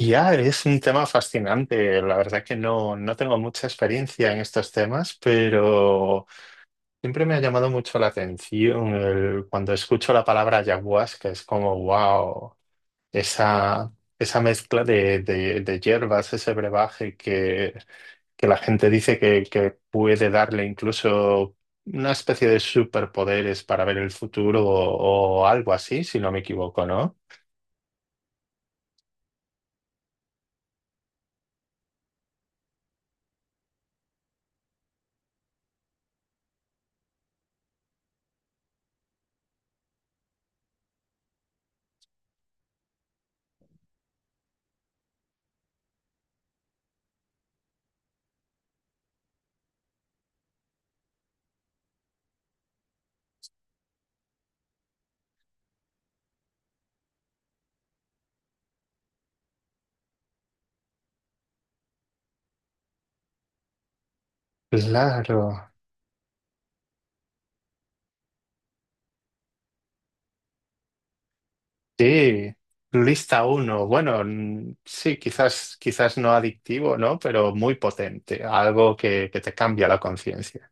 Ya, es un tema fascinante. La verdad que no tengo mucha experiencia en estos temas, pero siempre me ha llamado mucho la atención cuando escucho la palabra ayahuasca. Es como, wow, esa, esa mezcla de hierbas, ese brebaje que la gente dice que puede darle incluso una especie de superpoderes para ver el futuro o algo así, si no me equivoco, ¿no? Claro. Sí, lista uno. Bueno, sí, quizás no adictivo, ¿no? Pero muy potente, algo que te cambia la conciencia.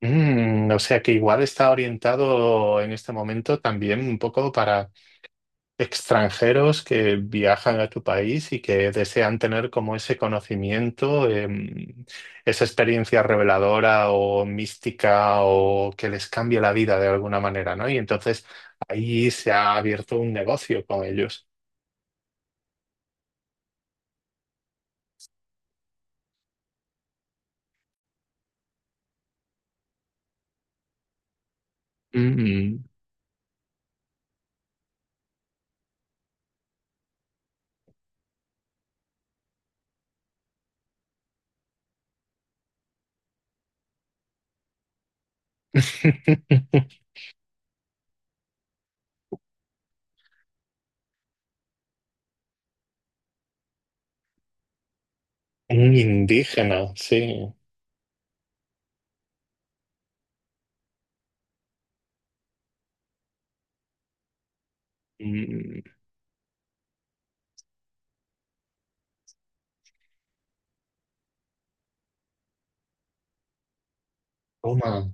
Mm, o sea que igual está orientado en este momento también un poco para extranjeros que viajan a tu país y que desean tener como ese conocimiento, esa experiencia reveladora o mística o que les cambie la vida de alguna manera, ¿no? Y entonces ahí se ha abierto un negocio con ellos. Mm. Un indígena, sí. Mm. Toma.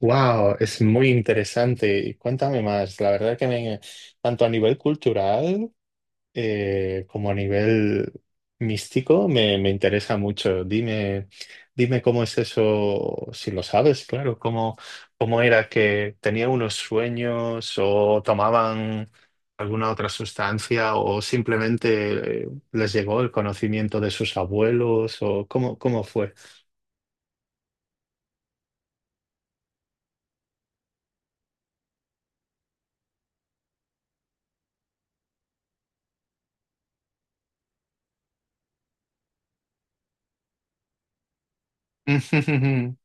Wow, es muy interesante. Cuéntame más. La verdad que tanto a nivel cultural como a nivel místico me interesa mucho. Dime, dime cómo es eso, si lo sabes, claro, cómo, cómo era que tenía unos sueños o tomaban alguna otra sustancia o simplemente les llegó el conocimiento de sus abuelos o cómo, cómo fue.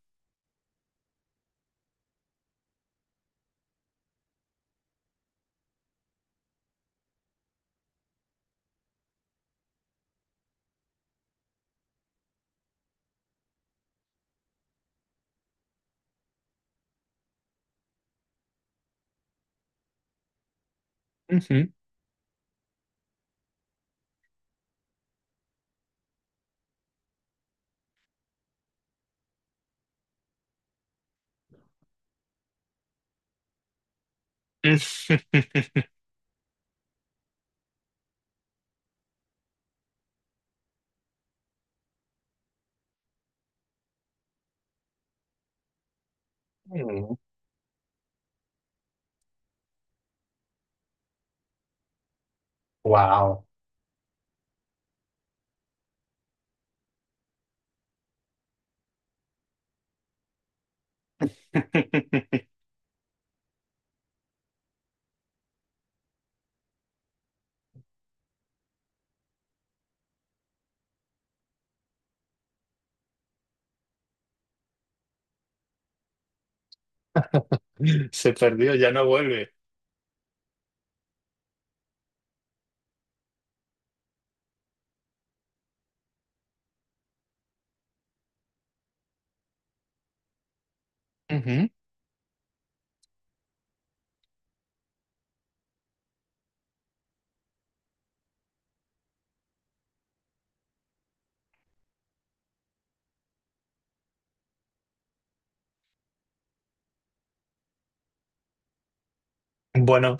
Wow. Se perdió, ya no vuelve. Bueno,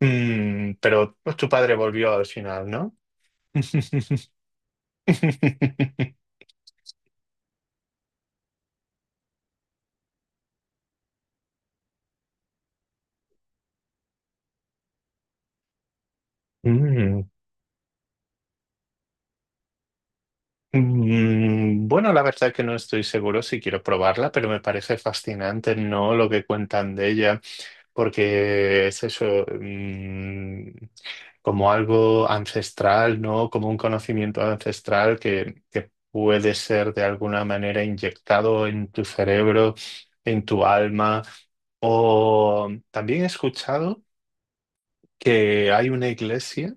mm, pero pues, tu padre volvió al final, ¿no? Mm, mm, bueno, la verdad que no estoy seguro si quiero probarla, pero me parece fascinante, ¿no? Lo que cuentan de ella, porque es eso, mm, como algo ancestral, ¿no? Como un conocimiento ancestral que puede ser de alguna manera inyectado en tu cerebro, en tu alma. O también he escuchado que hay una iglesia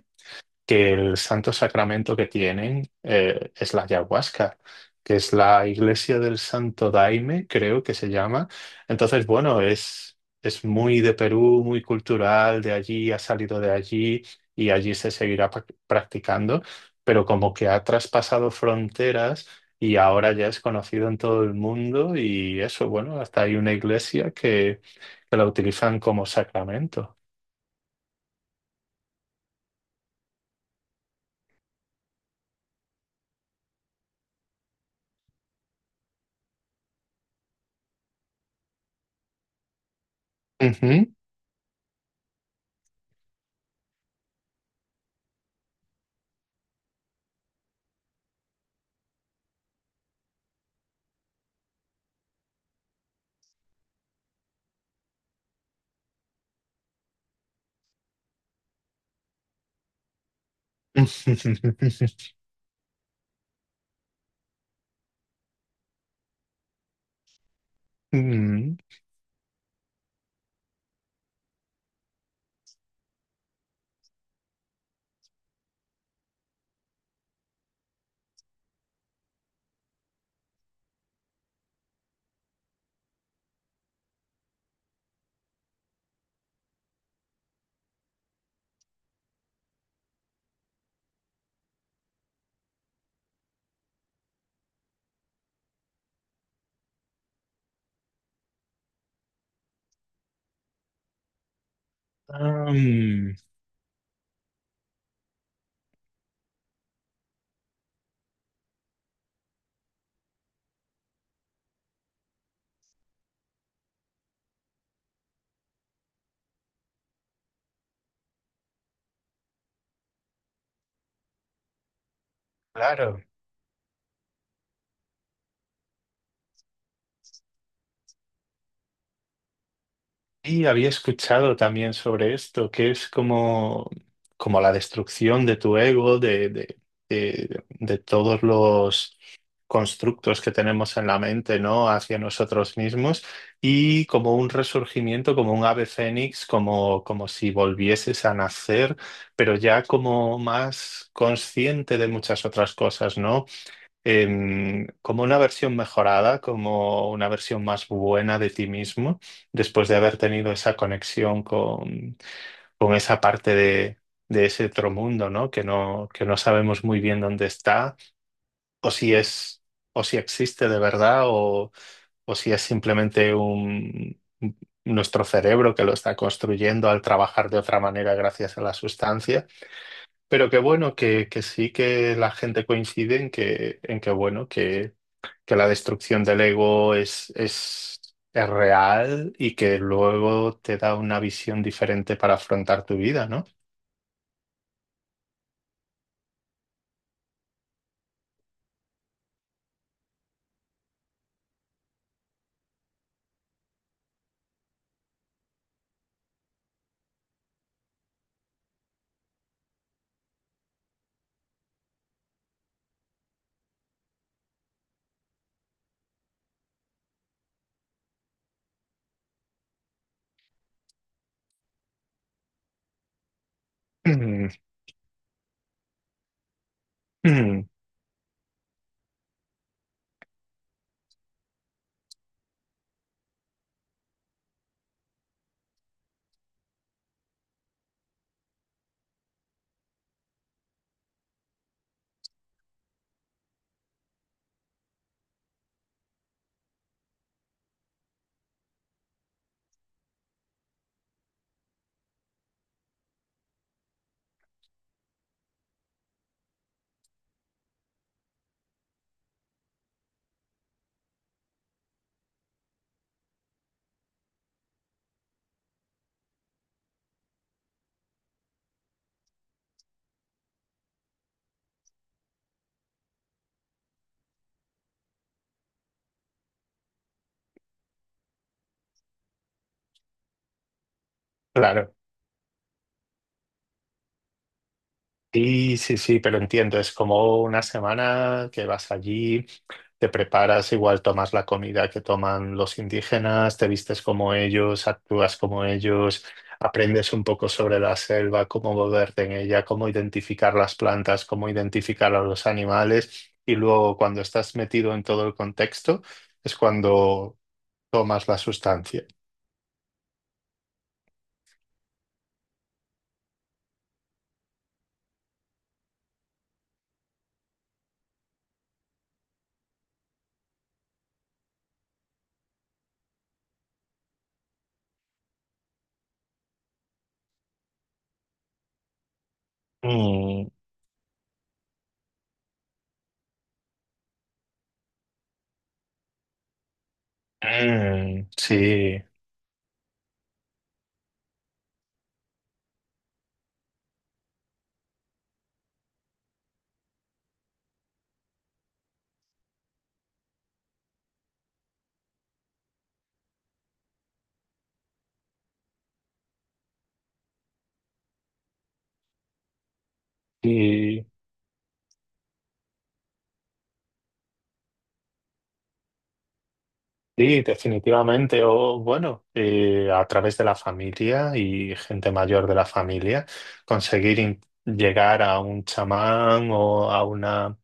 que el santo sacramento que tienen es la ayahuasca, que es la iglesia del Santo Daime, creo que se llama. Entonces, bueno, es muy de Perú, muy cultural, de allí, ha salido de allí y allí se seguirá practicando, pero como que ha traspasado fronteras. Y ahora ya es conocido en todo el mundo y eso, bueno, hasta hay una iglesia que la utilizan como sacramento. Ujú. Mm. Claro. Y había escuchado también sobre esto, que es como, como la destrucción de tu ego, de todos los constructos que tenemos en la mente, ¿no? Hacia nosotros mismos y como un resurgimiento, como un ave fénix, como, como si volvieses a nacer, pero ya como más consciente de muchas otras cosas, ¿no? Como una versión mejorada, como una versión más buena de ti mismo, después de haber tenido esa conexión con esa parte de ese otro mundo, ¿no? Que que no sabemos muy bien dónde está, o si es, o si existe de verdad, o si es simplemente un nuestro cerebro que lo está construyendo al trabajar de otra manera gracias a la sustancia. Pero qué bueno que sí que la gente coincide en en que bueno, que la destrucción del ego es real y que luego te da una visión diferente para afrontar tu vida, ¿no? Mm, mm. Claro. Sí, sí, sí, pero entiendo, es como una semana que vas allí. Te preparas, igual tomas la comida que toman los indígenas, te vistes como ellos, actúas como ellos, aprendes un poco sobre la selva, cómo moverte en ella, cómo identificar las plantas, cómo identificar a los animales y luego cuando estás metido en todo el contexto es cuando tomas la sustancia. Mm, mm, sí, sí. Sí, definitivamente. O bueno, a través de la familia y gente mayor de la familia, conseguir llegar a un chamán o a una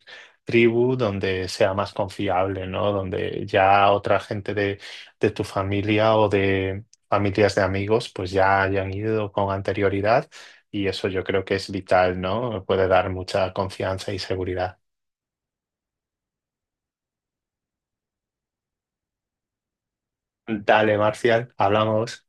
tribu donde sea más confiable, ¿no? Donde ya otra gente de tu familia o de familias de amigos, pues ya hayan ido con anterioridad y eso yo creo que es vital, ¿no? Puede dar mucha confianza y seguridad. Dale, Marcial, hablamos.